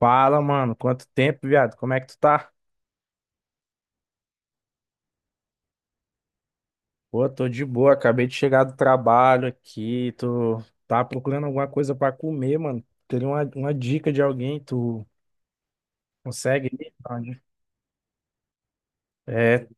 Fala, mano. Quanto tempo, viado? Como é que tu tá? Pô, tô de boa. Acabei de chegar do trabalho aqui. Tá procurando alguma coisa pra comer, mano. Queria uma dica de alguém. Tu consegue me dar, né? É,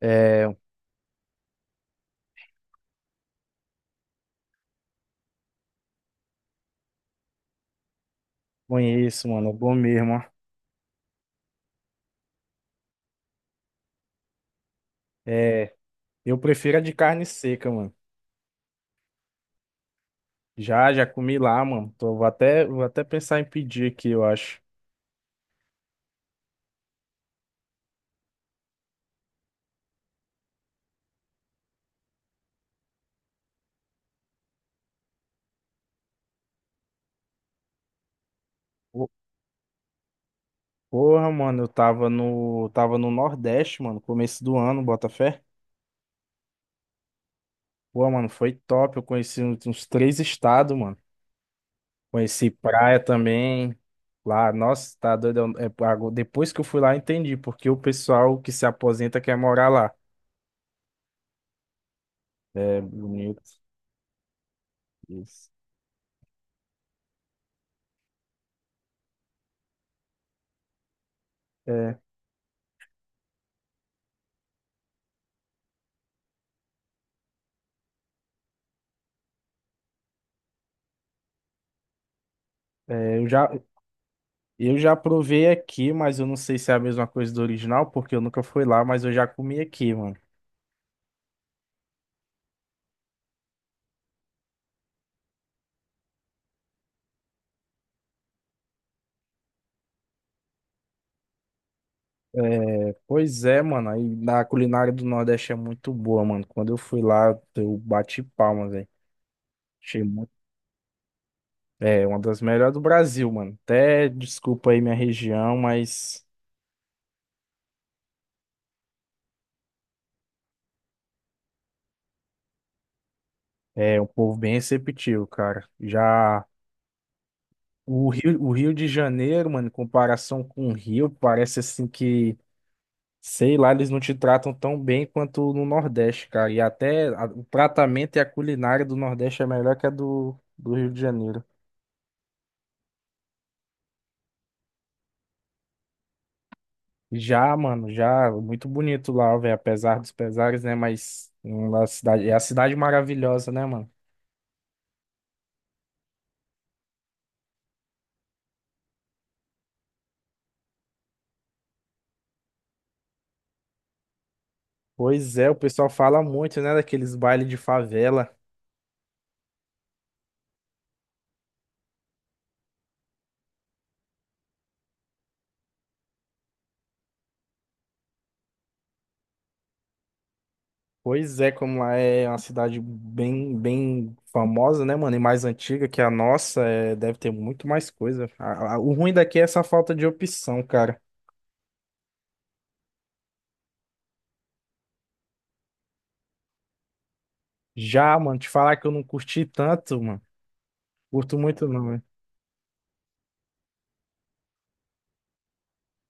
é, eu conheço, mano. É bom mesmo, ó. É, eu prefiro a de carne seca, mano. Já, já comi lá, mano. Vou até pensar em pedir aqui, eu acho. Pô, Porra, mano, eu tava no Nordeste, mano, começo do ano, bota fé. Pô, mano, foi top. Eu conheci uns três estados, mano. Conheci praia também. Lá, nossa, tá doido. É, depois que eu fui lá, entendi, porque o pessoal que se aposenta quer morar lá. É bonito. Isso. É, é, eu já provei aqui, mas eu não sei se é a mesma coisa do original, porque eu nunca fui lá, mas eu já comi aqui, mano. É, pois é, mano. Aí na culinária do Nordeste é muito boa, mano. Quando eu fui lá, eu bati palmas, velho. É, uma das melhores do Brasil, mano. Até desculpa aí minha região, mas é um povo bem receptivo, cara. Já o Rio de Janeiro, mano, em comparação com o Rio, parece assim que, sei lá, eles não te tratam tão bem quanto no Nordeste, cara. E até o tratamento e a culinária do Nordeste é melhor que a do Rio de Janeiro. Já, mano, já muito bonito lá, velho, apesar dos pesares, né? Mas é a cidade maravilhosa, né, mano? Pois é, o pessoal fala muito, né, daqueles bailes de favela. Pois é, como lá é uma cidade bem, bem famosa, né, mano, e mais antiga que a nossa, é, deve ter muito mais coisa. O ruim daqui é essa falta de opção, cara. Já, mano, te falar que eu não curti tanto, mano. Curto muito não, velho.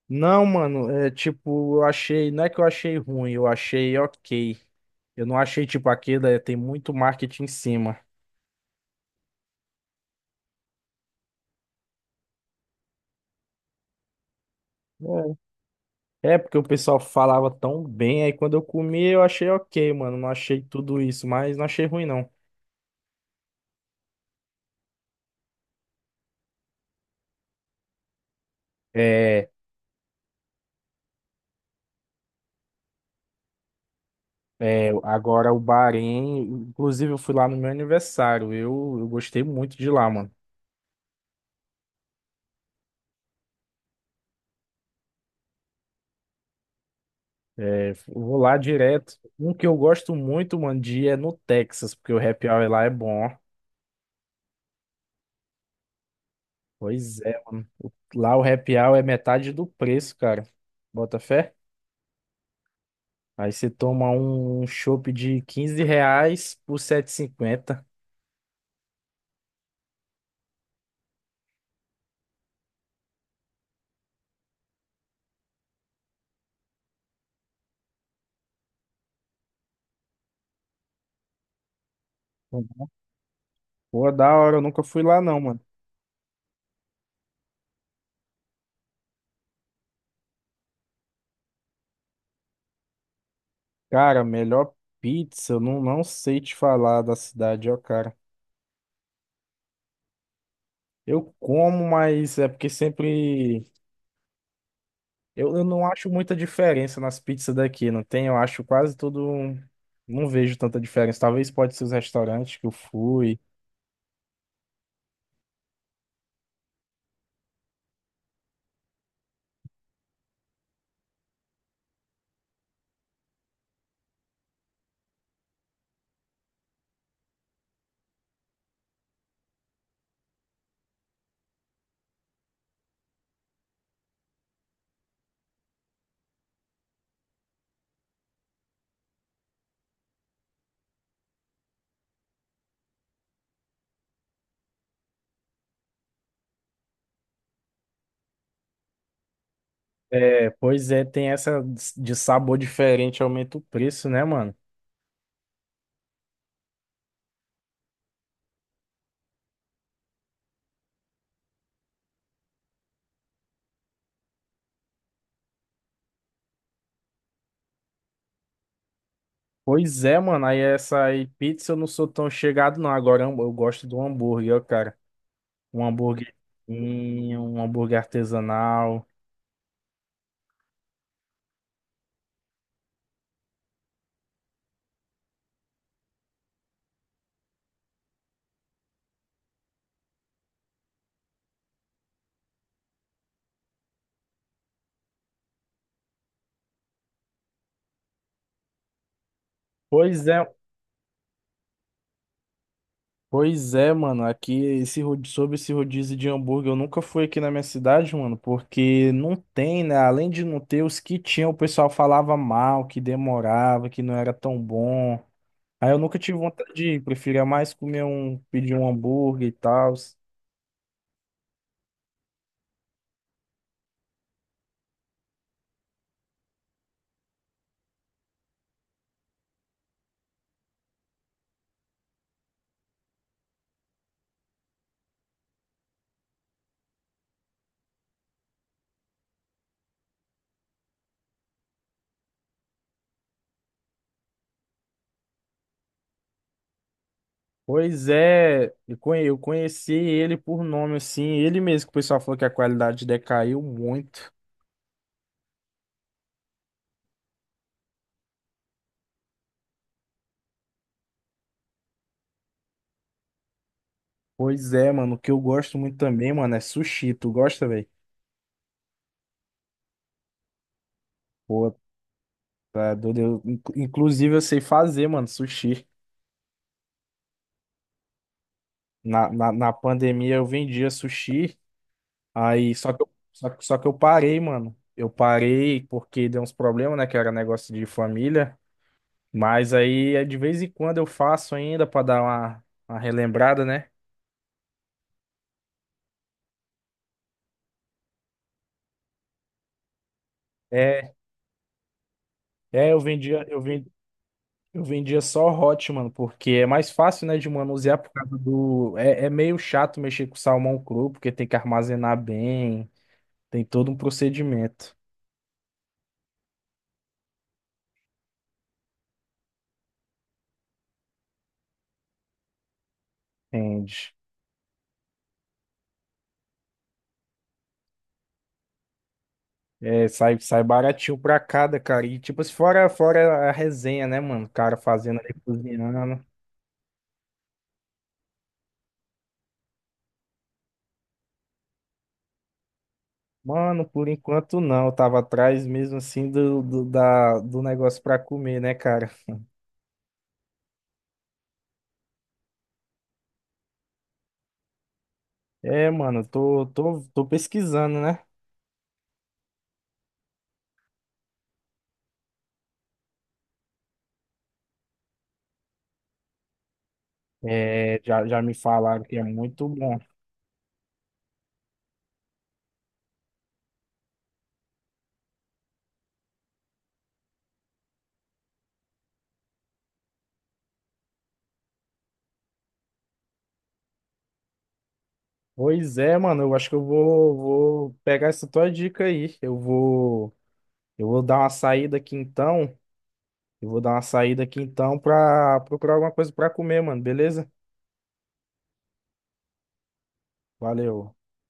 Não, mano, é tipo, eu achei, não é que eu achei ruim, eu achei ok. Eu não achei tipo aquele, é, tem muito marketing em cima. É, porque o pessoal falava tão bem, aí quando eu comi eu achei ok, mano. Não achei tudo isso, mas não achei ruim, não. É, é, agora o Bahrein, inclusive eu fui lá no meu aniversário, eu gostei muito de lá, mano. É, vou lá direto. Um que eu gosto muito, mano, de ir é no Texas, porque o happy hour lá é bom. Pois é, mano. Lá o happy hour é metade do preço, cara. Bota fé? Aí você toma um chopp de R$ 15 por 7,50. Pô, da hora, eu nunca fui lá não, mano. Cara, melhor pizza, eu não sei te falar da cidade, ó, cara. Eu como, mas é porque sempre. Eu não acho muita diferença nas pizzas daqui, não tem? Eu acho quase tudo. Não vejo tanta diferença. Talvez pode ser os restaurantes que eu fui. É, pois é, tem essa de sabor diferente, aumenta o preço, né, mano? Pois é, mano. Aí essa aí, pizza eu não sou tão chegado, não. Agora eu gosto do hambúrguer, ó, cara. Um hambúrguer, um hambúrguer artesanal. Pois é, Pois é, mano, aqui esse sobre esse rodízio de hambúrguer, eu nunca fui aqui na minha cidade, mano, porque não tem, né? Além de não ter os que tinham, o pessoal falava mal, que demorava, que não era tão bom. Aí eu nunca tive vontade de ir, preferia mais comer um, pedir um hambúrguer e tal. Pois é, eu conheci ele por nome, assim, ele mesmo que o pessoal falou que a qualidade decaiu muito. Pois é, mano, o que eu gosto muito também, mano, é sushi. Tu gosta, velho? Tá doido. Eu, inclusive, eu sei fazer, mano, sushi. Na pandemia eu vendia sushi. Aí, só que eu parei, mano. Eu parei porque deu uns problemas, né? Que era negócio de família. Mas aí, é de vez em quando eu faço ainda pra dar uma relembrada, né? É, é, eu vendia só hot, mano, porque é mais fácil, né, de manusear por causa do. É, é meio chato mexer com salmão cru, porque tem que armazenar bem, tem todo um procedimento. Entende? É, sai baratinho pra cada, cara. E tipo, se fora a resenha, né, mano? O cara fazendo ali, cozinhando. Mano, por enquanto não. Eu tava atrás mesmo assim do negócio pra comer, né, cara? É, mano, tô pesquisando, né? É, já, já me falaram que é muito bom. Pois é, mano, eu acho que eu vou pegar essa tua dica aí. Eu vou dar uma saída aqui então. Eu vou dar uma saída aqui então pra procurar alguma coisa pra comer, mano, beleza? Valeu.